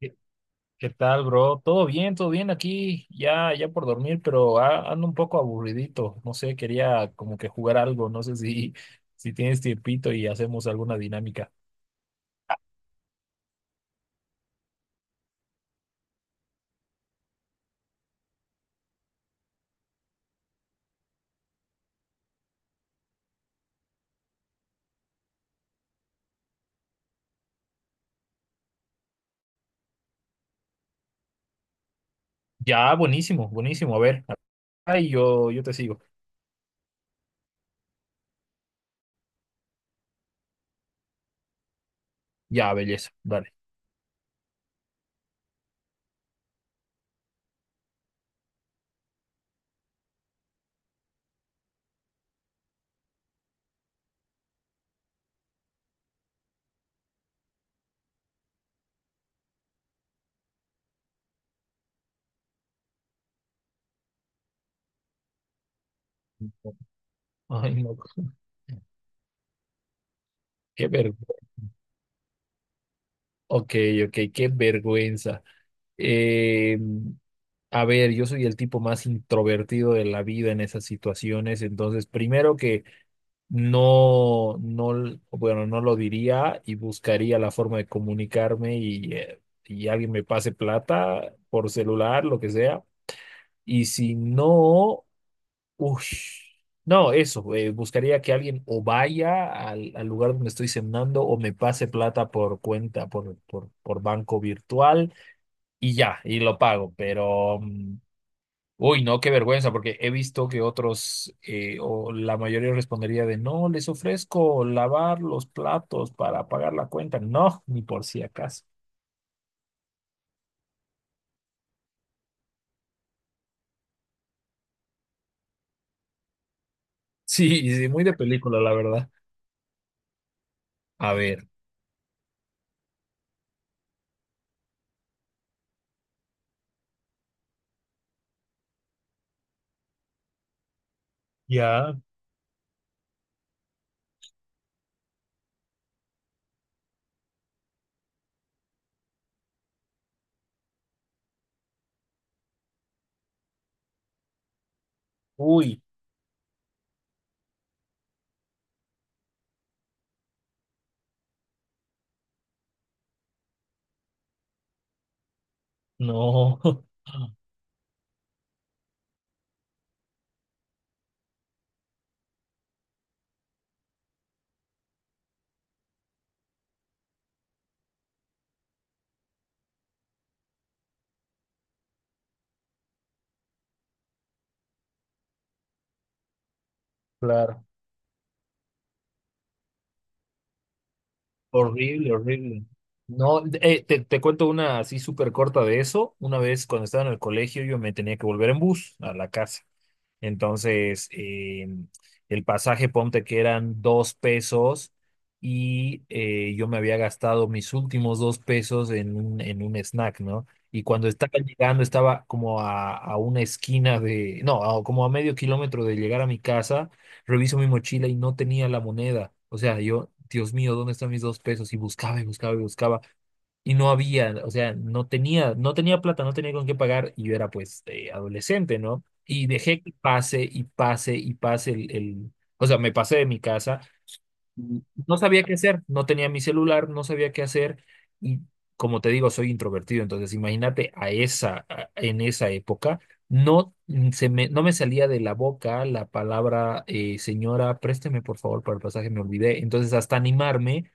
¿Qué qué tal, bro? Todo bien aquí, ya por dormir, pero ando un poco aburridito. No sé, quería como que jugar algo, no sé si, si tienes tiempito y hacemos alguna dinámica. Ya, buenísimo, buenísimo. A ver, ahí yo te sigo. Ya, belleza, dale. Ay, no, qué vergüenza. Ok, ok, qué vergüenza. Eh, a ver, yo soy el tipo más introvertido de la vida en esas situaciones, entonces primero que no, no, bueno, no lo diría y buscaría la forma de comunicarme y alguien me pase plata por celular, lo que sea. Y si no, ush, no, eso, buscaría que alguien o vaya al lugar donde estoy cenando o me pase plata por cuenta, por banco virtual y ya, y lo pago. Uy, no, qué vergüenza, porque he visto que otros, o la mayoría respondería de, no, les ofrezco lavar los platos para pagar la cuenta. No, ni por si acaso. Sí, sí, muy de película, la verdad. A ver, ya, uy, no, claro. Horrible, horrible. No, te cuento una así súper corta de eso. Una vez cuando estaba en el colegio yo me tenía que volver en bus a la casa. Entonces, el pasaje, ponte que eran 2 pesos y yo me había gastado mis últimos 2 pesos en en un snack, ¿no? Y cuando estaba llegando, estaba como a una esquina de, no, como a medio kilómetro de llegar a mi casa. Reviso mi mochila y no tenía la moneda. O sea, yo, Dios mío, ¿dónde están mis 2 pesos? Y buscaba y buscaba y buscaba y no había, o sea, no tenía, no tenía plata, no tenía con qué pagar y yo era pues adolescente, ¿no? Y dejé que pase y pase y pase o sea, me pasé de mi casa, y no sabía qué hacer, no tenía mi celular, no sabía qué hacer y como te digo, soy introvertido, entonces imagínate a en esa época no, no me salía de la boca la palabra, señora, présteme por favor para el pasaje, me olvidé. Entonces, hasta animarme,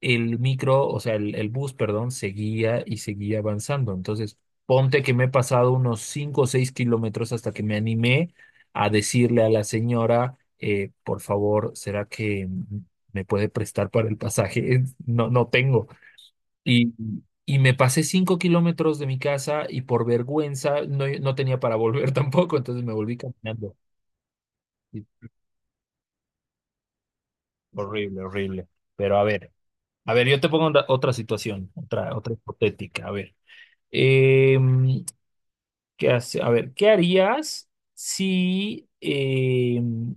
el micro, o sea, el bus, perdón, seguía y seguía avanzando. Entonces, ponte que me he pasado unos 5 o 6 kilómetros hasta que me animé a decirle a la señora, por favor, ¿será que me puede prestar para el pasaje? No, no tengo. Y, y me pasé 5 kilómetros de mi casa y por vergüenza no, no tenía para volver tampoco, entonces me volví caminando. Y horrible, horrible. Pero a ver, yo te pongo otra situación, otra hipotética. A ver, em, ¿qué hace? A ver, ¿qué harías si em,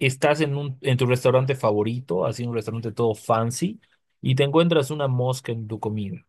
estás en tu restaurante favorito, así un restaurante todo fancy, y te encuentras una mosca en tu comida?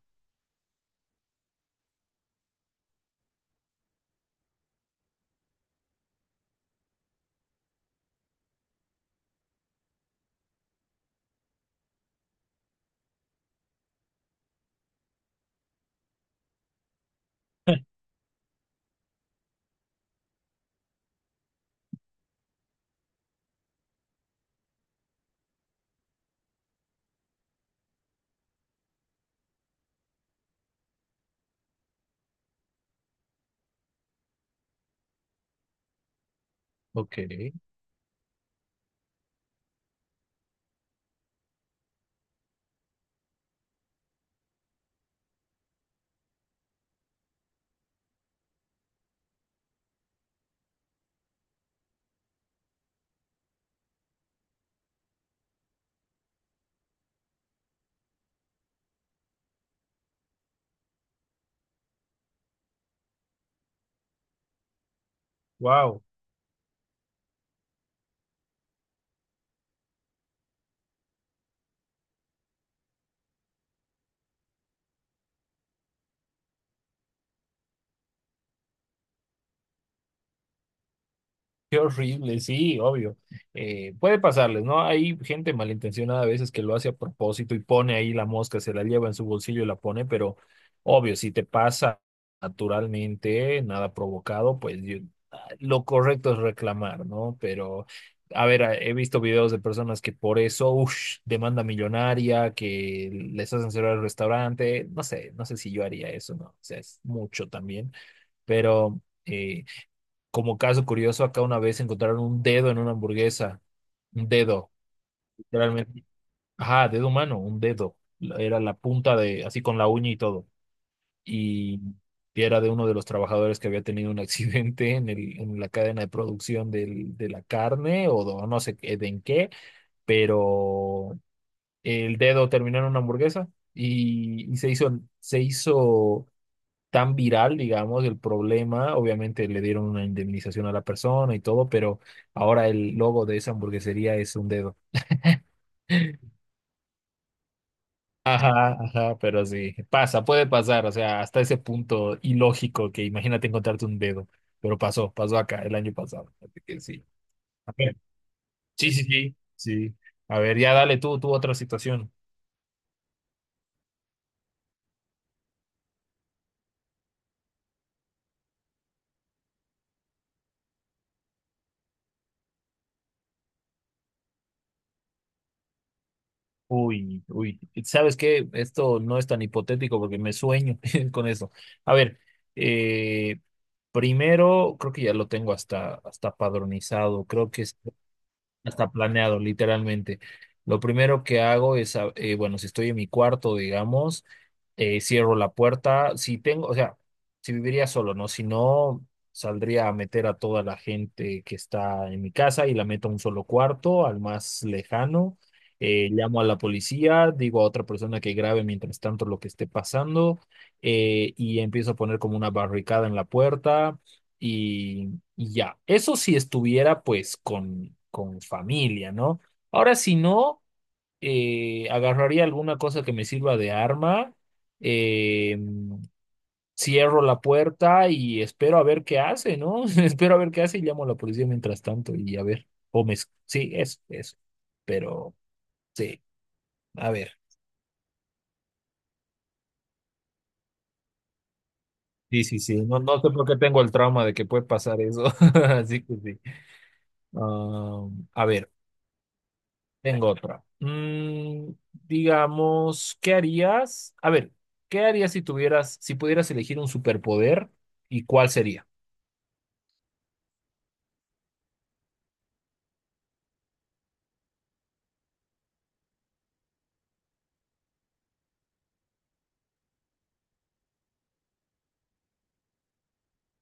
Ok, wow. Qué horrible, sí, obvio. Puede pasarles, ¿no? Hay gente malintencionada a veces que lo hace a propósito y pone ahí la mosca, se la lleva en su bolsillo y la pone, pero obvio, si te pasa naturalmente, nada provocado, ah, lo correcto es reclamar, ¿no? Pero, a ver, he visto videos de personas que por eso, uff, demanda millonaria, que les hacen cerrar el restaurante, no sé, no sé si yo haría eso, ¿no? O sea, es mucho también, pero... eh, como caso curioso, acá una vez encontraron un dedo en una hamburguesa. Un dedo, literalmente. Ajá, dedo humano, un dedo. Era la punta de, así con la uña y todo. Y era de uno de los trabajadores que había tenido un accidente en la cadena de producción de la carne o do- no sé qué- de en qué, pero el dedo terminó en una hamburguesa y se hizo tan viral, digamos, el problema. Obviamente le dieron una indemnización a la persona y todo, pero ahora el logo de esa hamburguesería es un dedo. Ajá, ajá, pero sí, pasa, puede pasar, o sea, hasta ese punto ilógico que imagínate encontrarte un dedo, pero pasó, pasó acá el año pasado, así que sí. A ver, sí, sí, sí, sí. A ver, ya dale tú, otra situación. Uy, uy, ¿sabes qué? Esto no es tan hipotético porque me sueño con eso. A ver, eh, primero, creo que ya lo tengo hasta, hasta padronizado. Creo que es hasta planeado, literalmente. Lo primero que hago es, bueno, si estoy en mi cuarto, digamos, cierro la puerta. Si tengo, o sea, si viviría solo, ¿no? Si no, saldría a meter a toda la gente que está en mi casa y la meto a un solo cuarto, al más lejano. Llamo a la policía, digo a otra persona que grabe mientras tanto lo que esté pasando, y empiezo a poner como una barricada en la puerta y ya, eso si estuviera pues con familia, ¿no? Ahora, si no, agarraría alguna cosa que me sirva de arma, eh, cierro la puerta y espero a ver qué hace, ¿no? Espero a ver qué hace y llamo a la policía mientras tanto y a ver, sí, eso, eso. Pero, sí, a ver. Sí, sí, sí, no, no sé por qué tengo el trauma de que puede pasar eso, así que sí. Ah, a ver. Tengo otra. Mm, digamos, ¿qué harías? A ver, ¿qué harías si tuvieras, si pudieras elegir un superpoder y cuál sería?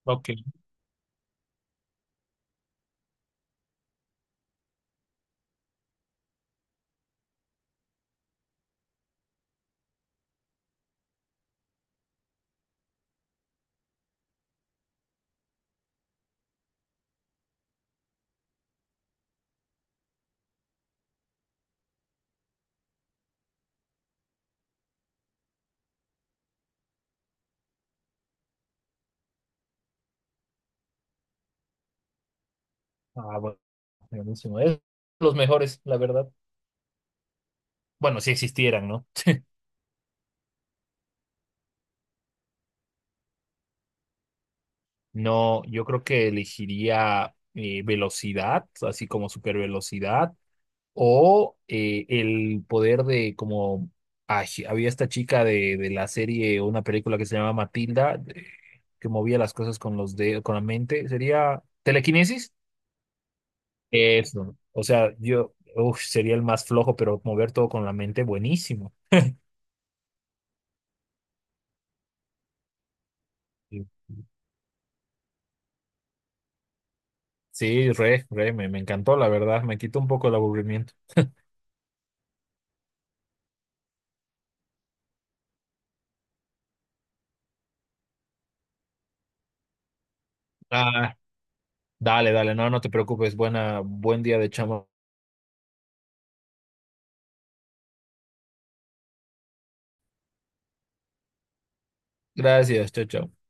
Ok. Ah, bueno, buenísimo. Es los mejores, la verdad. Bueno, si existieran, ¿no? No, yo creo que elegiría velocidad, así como supervelocidad. O el poder de como ay, sí, había esta chica de la serie o una película que se llamaba Matilda, que movía las cosas con los dedos, con la mente, sería telequinesis. Eso. O sea, yo uf, sería el más flojo, pero mover todo con la mente, buenísimo. Sí, sí, me encantó, la verdad. Me quitó un poco el aburrimiento. Ah, dale, dale, no, no te preocupes. Buena, buen día de chamo. Gracias, chao, chao.